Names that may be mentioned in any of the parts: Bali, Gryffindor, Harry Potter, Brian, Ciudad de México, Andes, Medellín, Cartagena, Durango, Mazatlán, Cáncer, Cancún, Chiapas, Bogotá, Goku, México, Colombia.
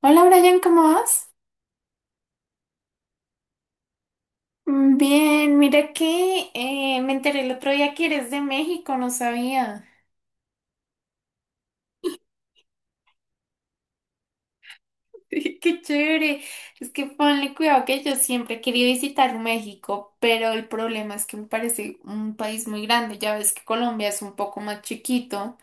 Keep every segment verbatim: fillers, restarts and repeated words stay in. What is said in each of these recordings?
Hola Brian, ¿cómo vas? Mm, Bien, mira que eh, me enteré el otro día que eres de México, no sabía. Qué chévere. Es que ponle cuidado que yo siempre he querido visitar México, pero el problema es que me parece un país muy grande. Ya ves que Colombia es un poco más chiquito.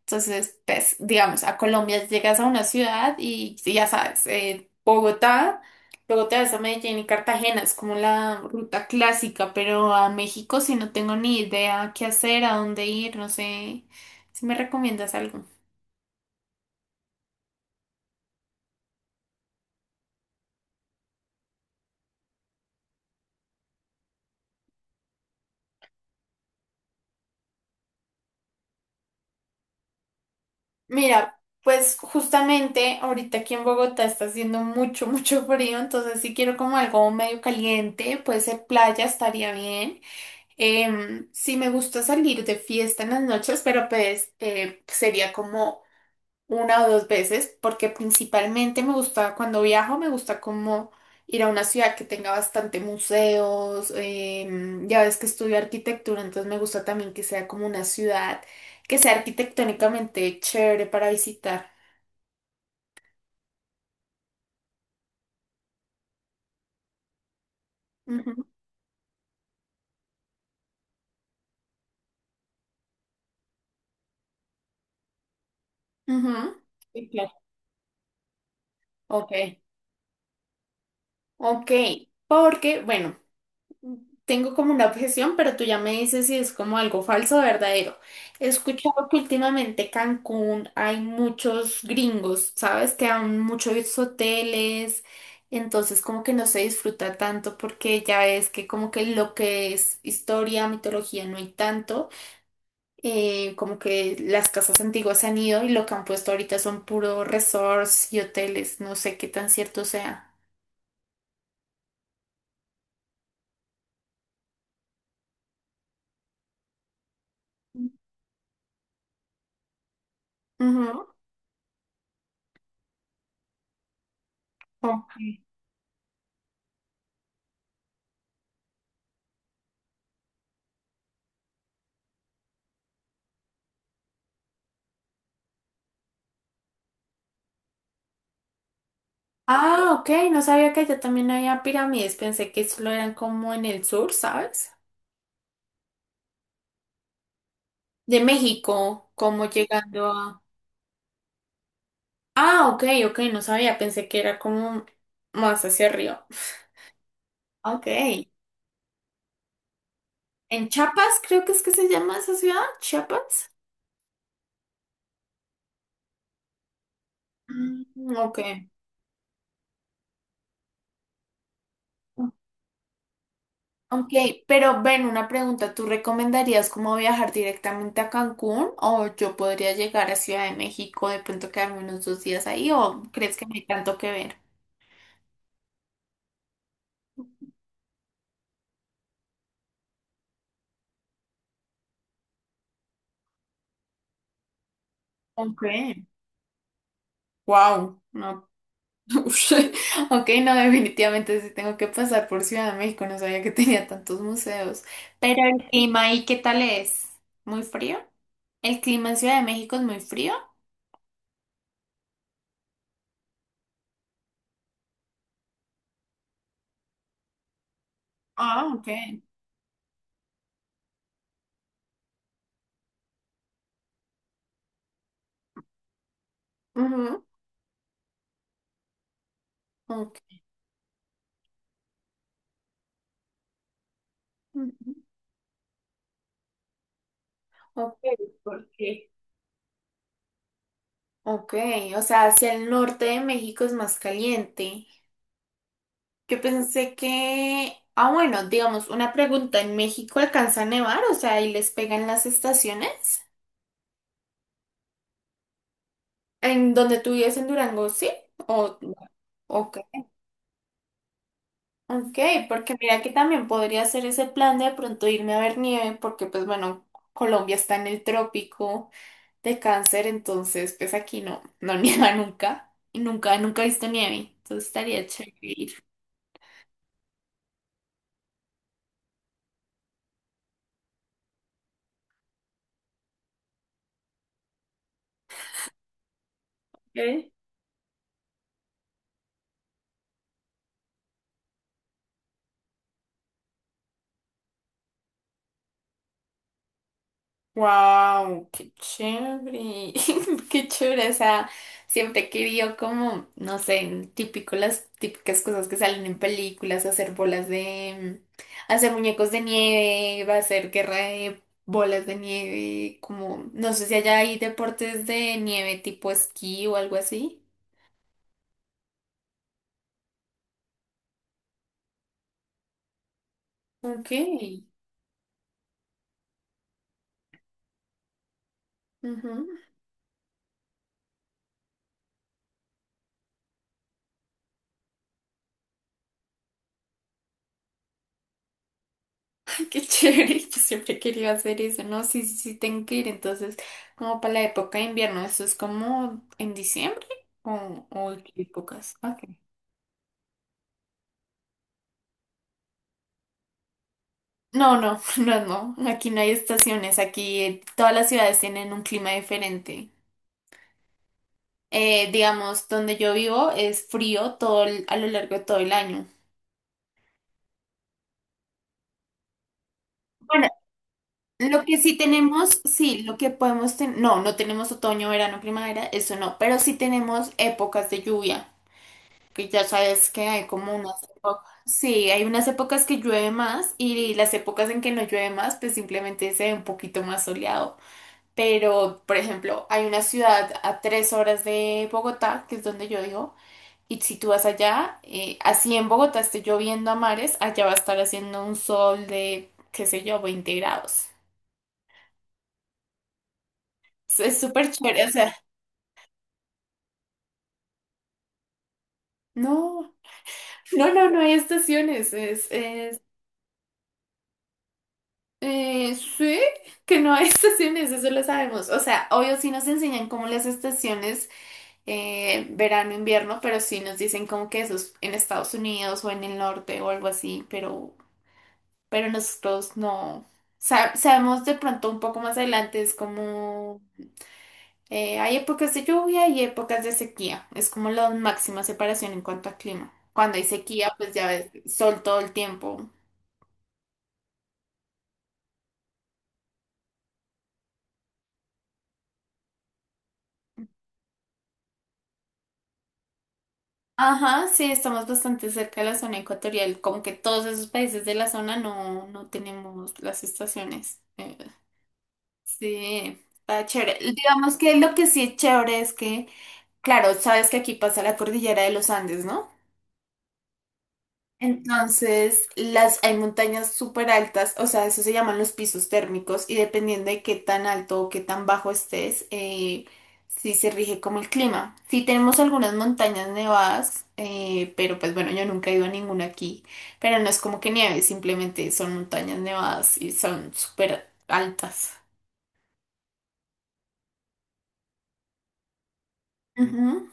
Entonces, pues, digamos, a Colombia llegas a una ciudad y, y ya sabes, eh, Bogotá, luego te vas a Medellín y Cartagena, es como la ruta clásica, pero a México si no tengo ni idea qué hacer, a dónde ir, no sé si me recomiendas algo. Mira, pues justamente ahorita aquí en Bogotá está haciendo mucho, mucho frío, entonces si quiero como algo medio caliente, puede ser playa, estaría bien. Em, sí me gusta salir de fiesta en las noches, pero pues eh, sería como una o dos veces, porque principalmente me gusta, cuando viajo, me gusta como ir a una ciudad que tenga bastante museos, em, ya ves que estudio arquitectura, entonces me gusta también que sea como una ciudad que sea arquitectónicamente chévere para visitar. Ujú, ujú. Sí, claro. Ok, ok, porque, bueno. Tengo como una objeción, pero tú ya me dices si es como algo falso o verdadero. He escuchado que últimamente Cancún hay muchos gringos, ¿sabes? Que hay muchos hoteles, entonces como que no se disfruta tanto porque ya es que como que lo que es historia, mitología no hay tanto. Eh, como que las casas antiguas se han ido y lo que han puesto ahorita son puros resorts y hoteles, no sé qué tan cierto sea. Ujú. Ok. Ah, ok, no sabía que allá también había pirámides, pensé que solo eran como en el sur, ¿sabes? De México, como llegando a... Ah, ok, ok, no sabía, pensé que era como más hacia arriba. Ok, en Chiapas creo que es que se llama esa ciudad, Chiapas. Mm, ok. Ok, pero ven, una pregunta, ¿tú recomendarías cómo viajar directamente a Cancún o yo podría llegar a Ciudad de México, de pronto quedarme unos dos días ahí o crees que no hay tanto que ver? Ok. Wow, no, ush. Ok, no, definitivamente sí tengo que pasar por Ciudad de México, no sabía que tenía tantos museos. Pero el clima ahí, ¿qué tal es? ¿Muy frío? ¿El clima en Ciudad de México es muy frío? Ah, ok. Ujú, ok, ujú, ok, ¿por qué? Ok, o sea, hacia el norte de México es más caliente. Yo pensé que, ah, bueno, digamos, una pregunta, ¿en México alcanza a nevar? O sea, ¿y les pegan las estaciones? ¿En donde tú vives en Durango, sí? O, ok. Ok, porque mira que también podría hacer ese plan de pronto irme a ver nieve, porque pues bueno, Colombia está en el trópico de Cáncer, entonces pues aquí no, no nieva nunca, y nunca, nunca he visto nieve, entonces estaría chévere ir. Wow, qué chévere, qué chévere, o sea, siempre he querido como, no sé, típico las típicas cosas que salen en películas, hacer bolas de, hacer muñecos de nieve, hacer guerra de bolas de nieve, como, no sé si allá hay deportes de nieve tipo esquí o algo así. Ok. Qué chévere, yo siempre quería hacer eso, ¿no? Sí, sí, sí, tengo que ir. Entonces, como para la época de invierno, ¿eso es como en diciembre o, o en qué épocas? Okay. No, no, no, no, aquí no hay estaciones, aquí eh, todas las ciudades tienen un clima diferente. Eh, digamos, donde yo vivo es frío todo el- a lo largo de todo el año. Bueno, lo que sí tenemos, sí, lo que podemos tener, no, no tenemos otoño, verano, primavera, eso no, pero sí tenemos épocas de lluvia, que ya sabes que hay como unas épocas, sí, hay unas épocas que llueve más y las épocas en que no llueve más, pues simplemente se ve un poquito más soleado. Pero, por ejemplo, hay una ciudad a tres horas de Bogotá, que es donde yo vivo, y si tú vas allá, eh, así en Bogotá esté lloviendo a mares, allá va a estar haciendo un sol de, qué sé yo, veinte grados. Es es súper chévere, o sea, no, no, no, no hay estaciones, es... Eh, sí, que no hay estaciones, eso lo sabemos. O sea, obvio sí nos enseñan como las estaciones, eh, verano, invierno, pero sí nos dicen como que eso es en Estados Unidos o en el norte o algo así, pero, pero nosotros no. Sa- sabemos de pronto un poco más adelante, es como eh, hay épocas de lluvia y épocas de sequía. Es como la máxima separación en cuanto a clima. Cuando hay sequía, pues ya ves, sol todo el tiempo. Ajá, sí, estamos bastante cerca de la zona ecuatorial, como que todos esos países de la zona no, no tenemos las estaciones. Eh, sí, está chévere. Digamos que lo que sí es chévere es que, claro, sabes que aquí pasa la cordillera de los Andes, ¿no? Entonces, las, hay montañas súper altas, o sea, eso se llaman los pisos térmicos y dependiendo de qué tan alto o qué tan bajo estés, eh, sí se rige como el clima. Sí tenemos algunas montañas nevadas, eh, pero pues bueno, yo nunca he ido a ninguna aquí, pero no es como que nieve, simplemente son montañas nevadas y son súper altas. Ujú.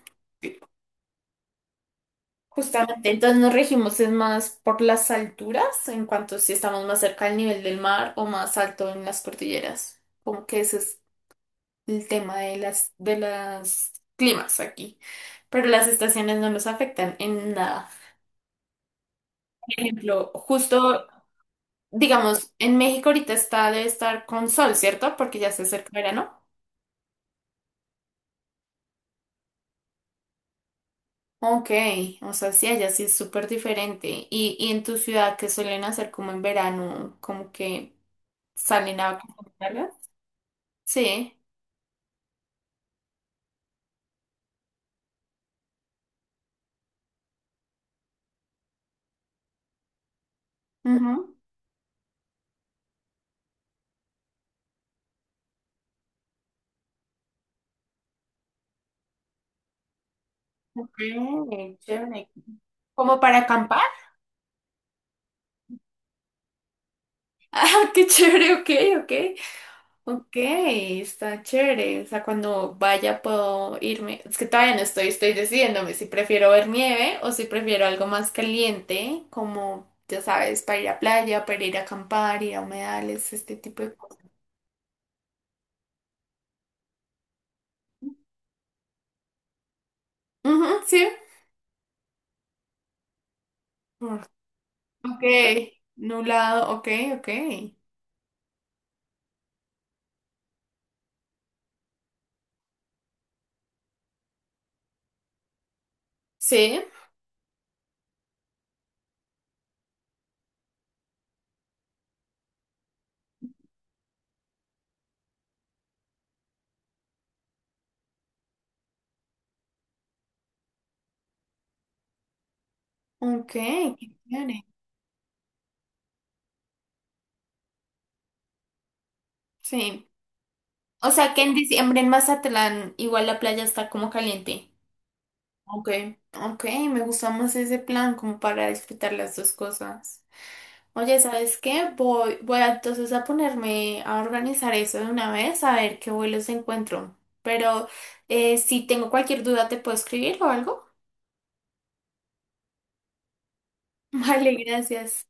Justamente, entonces nos regimos es más por las alturas, en cuanto si estamos más cerca del nivel del mar o más alto en las cordilleras. Como que ese es el tema de las de las climas aquí. Pero las estaciones no nos afectan en nada. Por ejemplo, justo, digamos, en México ahorita está debe estar con sol, ¿cierto? Porque ya se acerca verano. Ok, o sea, sí, allá sí es súper diferente. Y, y en tu ciudad, ¿qué suelen hacer como en verano? Como que salen a... Sí. Ujú. Ok, chévere. ¿Como para acampar? Ah, qué chévere, ok, ok. Ok, está chévere. O sea, cuando vaya puedo irme. Es que todavía no estoy, estoy decidiéndome si prefiero ver nieve o si prefiero algo más caliente, como, ya sabes, para ir a playa, para ir a acampar, ir a humedales, este tipo de cosas. Ujú, sí. Mm, ok, nublado, ok, ok. Sí, ok, qué chévere. Sí. O sea que en diciembre en Mazatlán igual la playa está como caliente. Ok. Ok, me gusta más ese plan como para disfrutar las dos cosas. Oye, ¿sabes qué? Voy, voy a, entonces a ponerme a organizar eso de una vez, a ver qué vuelos encuentro. Pero eh, si tengo cualquier duda, ¿te puedo escribir o algo? Vale, gracias.